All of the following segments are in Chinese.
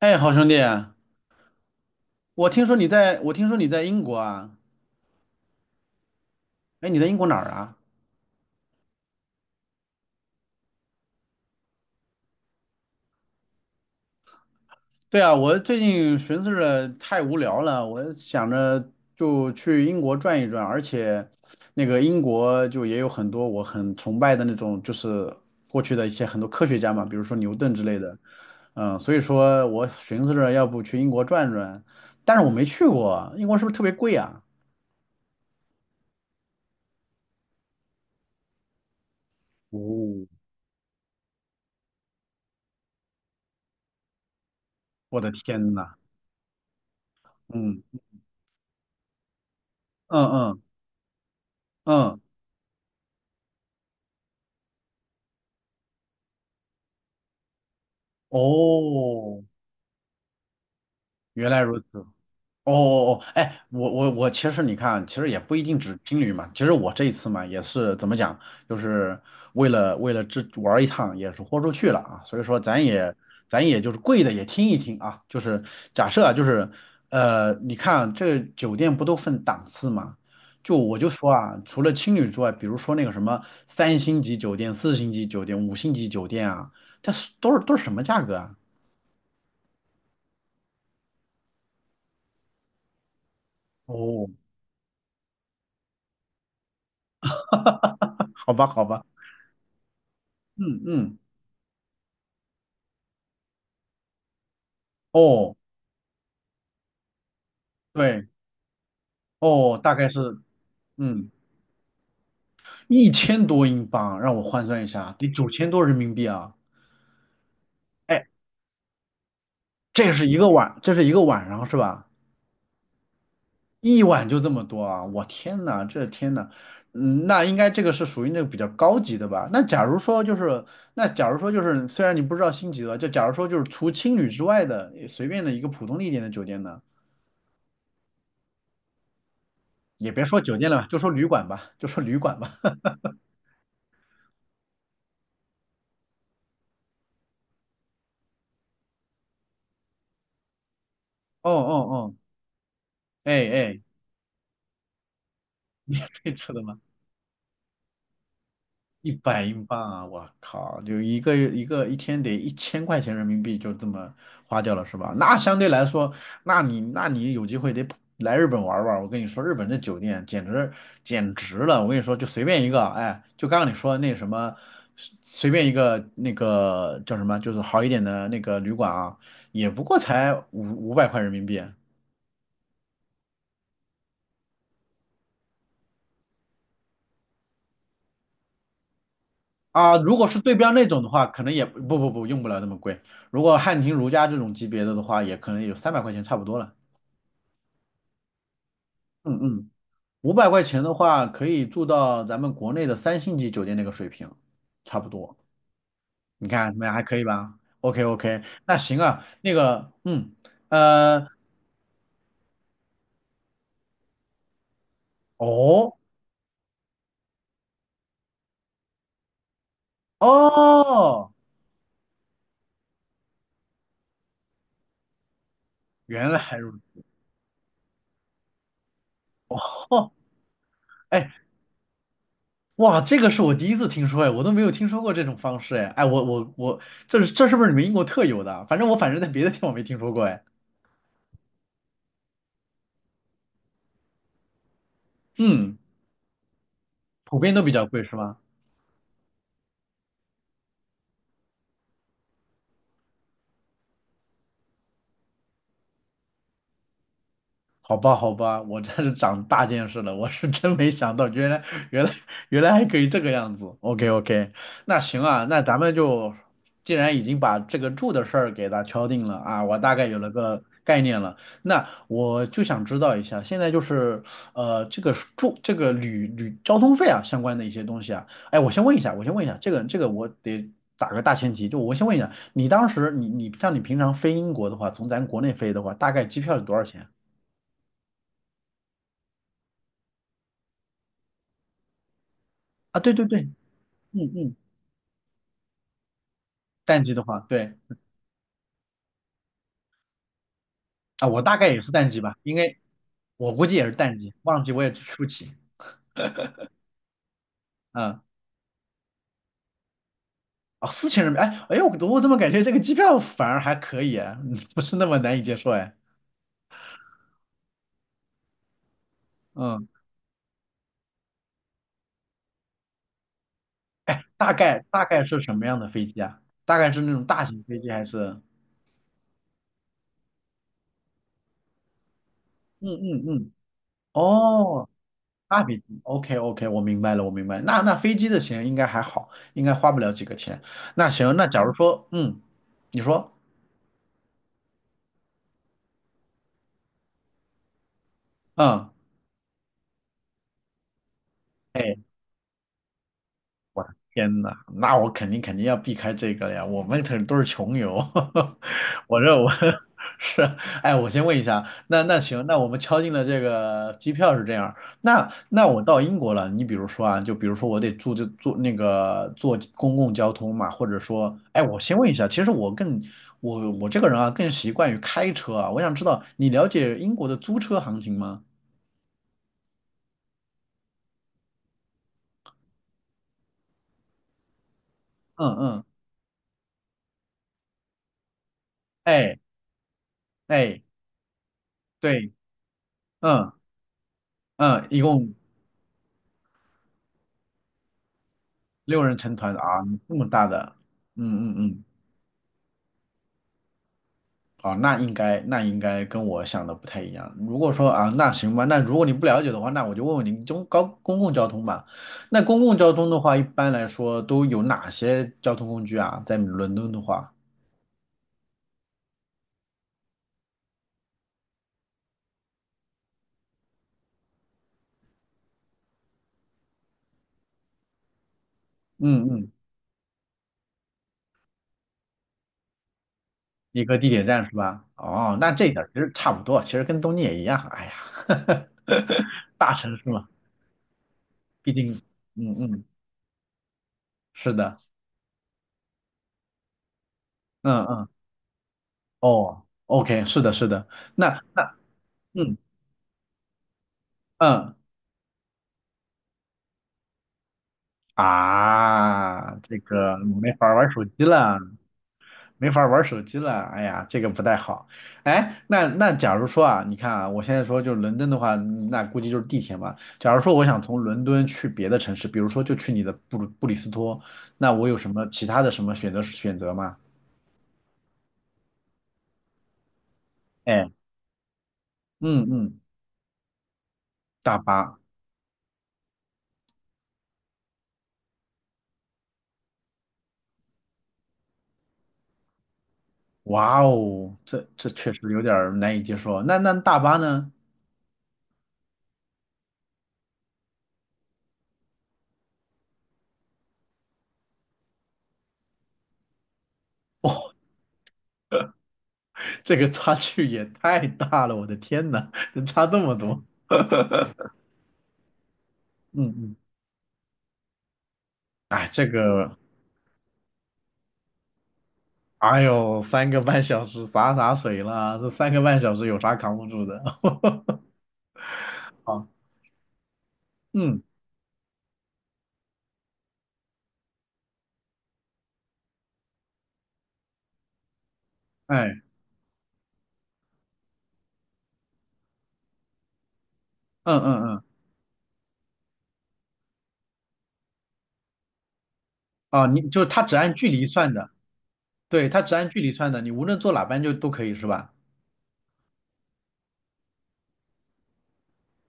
哎，好兄弟啊，我听说你在英国啊？哎，你在英国哪儿啊？对啊，我最近寻思着太无聊了，我想着就去英国转一转，而且那个英国就也有很多我很崇拜的那种，就是过去的一些很多科学家嘛，比如说牛顿之类的。嗯，所以说我寻思着要不去英国转转，但是我没去过，英国是不是特别贵啊？哦，我的天呐。嗯嗯嗯嗯。哦，原来如此。哦哦哦，哎，我其实你看，其实也不一定只青旅嘛。其实我这一次嘛，也是怎么讲，就是为了这玩儿一趟，也是豁出去了啊。所以说咱也就是贵的也听一听啊。就是假设啊，就是你看这个酒店不都分档次嘛？就我就说啊，除了青旅之外，比如说那个什么三星级酒店、四星级酒店、五星级酒店啊，它是都是什么价格啊？哦，好吧，好吧。嗯嗯。哦。对。哦，大概是。嗯，一千多英镑，让我换算一下，得九千多人民币啊！哎，这是一个晚上是吧？一晚就这么多啊！我天呐，这天呐。嗯，那应该这个是属于那个比较高级的吧？那假如说就是，虽然你不知道星级的，就假如说就是除青旅之外的随便的一个普通的一点的酒店呢，也别说酒店了吧就说旅馆吧，哦哦哦。哎哎。免费吃的吗？一百英镑啊，我靠，就一个一天得一千块钱人民币就这么花掉了是吧？那相对来说，那你有机会得来日本玩玩。我跟你说，日本这酒店简直了！我跟你说，就随便一个，哎，就刚刚你说那什么，随便一个那个叫什么，就是好一点的那个旅馆啊，也不过才五百块人民币。啊，如果是对标那种的话，可能也不不不用不了那么贵。如果汉庭如家这种级别的话，也可能有三百块钱差不多了。嗯嗯。五百块钱的话，可以住到咱们国内的三星级酒店那个水平，差不多。你看怎么样？还可以吧？OK OK，那行啊，那个呃哦哦，原来如此。哦。哎。哇，这个是我第一次听说哎，我都没有听说过这种方式哎。哎，我我我，这是不是你们英国特有的啊，反正我在别的地方没听说过哎。嗯，普遍都比较贵是吗？好吧，好吧。我真是长大见识了，我是真没想到，原来原来还可以这个样子。OK OK，那行啊，那咱们就既然已经把这个住的事儿给它敲定了啊，我大概有了个概念了。那我就想知道一下，现在就是这个住这个交通费啊相关的一些东西啊。哎，我先问一下，这个我得打个大前提，就我先问一下，你当时你像你平常飞英国的话，从咱国内飞的话，大概机票是多少钱？啊，对对对。嗯嗯。淡季的话，对啊，我大概也是淡季吧，应该我估计也是淡季，旺季我也去不起。嗯。哦，四千人民币，哎哎呦，我怎么感觉这个机票反而还可以啊，不是那么难以接受哎。嗯。哎，大概是什么样的飞机啊？大概是那种大型飞机还是？嗯嗯嗯。哦，大飞机，OK OK，我明白了，我明白了，那飞机的钱应该还好，应该花不了几个钱。那行，那假如说，嗯，你说。嗯。哎。天呐，那我肯定肯定要避开这个了呀！我们可都是穷游。我这我 是。哎，我先问一下。那行，那我们敲定了这个机票是这样，那我到英国了，你比如说啊，就比如说我得住就坐那个坐公共交通嘛，或者说，哎，我先问一下，其实我更我我这个人啊更习惯于开车啊，我想知道你了解英国的租车行情吗？嗯嗯。哎哎。对。嗯嗯。一共。六人成团啊，这么大的。嗯嗯嗯。哦，那应该跟我想的不太一样。如果说啊，那行吧，那如果你不了解的话，那我就问问你中高公共交通吧。那公共交通的话，一般来说都有哪些交通工具啊？在伦敦的话，嗯嗯，一个地铁站是吧？哦，那这个其实差不多，其实跟东京也一样。哎呀，大城市嘛，毕竟。嗯嗯，是的。嗯嗯。哦，OK,是的，是的。那那。嗯。嗯啊，这个我没法儿玩手机了，没法儿玩手机了。哎呀，这个不太好。哎，那假如说啊，你看啊，我现在说就是伦敦的话，那估计就是地铁嘛。假如说我想从伦敦去别的城市，比如说就去你的布鲁布里斯托，那我有什么其他的什么选择吗？哎。嗯嗯。大巴。哇哦，这确实有点儿难以接受。那那大巴呢？这个差距也太大了，我的天呐，能差这么多？嗯嗯。哎，这个。哎呦，三个半小时洒洒水啦，这三个半小时有啥扛不住的？好。嗯。哎。嗯嗯嗯。啊，你就它只按距离算的。对，它只按距离算的，你无论坐哪班就都可以是吧？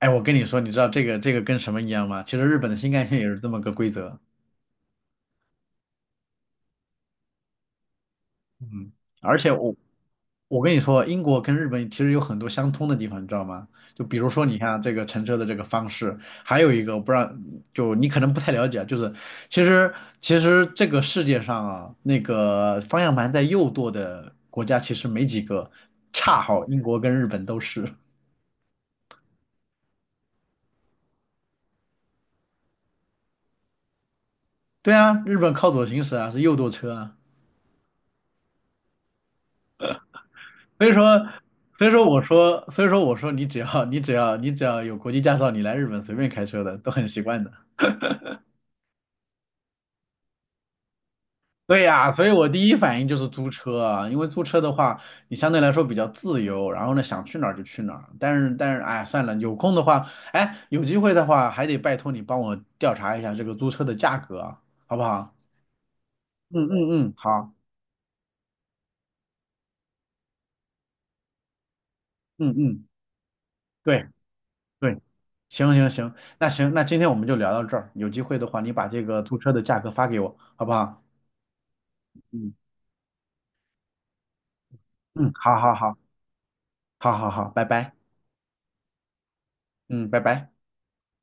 哎，我跟你说，你知道这个跟什么一样吗？其实日本的新干线也是这么个规则。嗯，而且我跟你说，英国跟日本其实有很多相通的地方，你知道吗？就比如说你看这个乘车的这个方式，还有一个我不知道，就你可能不太了解啊，就是其实其实这个世界上啊，那个方向盘在右舵的国家其实没几个，恰好英国跟日本都是。对啊，日本靠左行驶啊，是右舵车啊。所以说，所以说我说你只要有国际驾照，你来日本随便开车的都很习惯的。对呀，所以我第一反应就是租车啊，因为租车的话，你相对来说比较自由，然后呢，想去哪儿就去哪儿。但是,哎，算了，有空的话，哎，有机会的话，还得拜托你帮我调查一下这个租车的价格啊，好不好？嗯嗯嗯。好。嗯嗯。对对。行行行，那行，那今天我们就聊到这儿，有机会的话，你把这个租车的价格发给我，好不好？嗯嗯，好好好，好好好，拜拜。嗯，拜拜。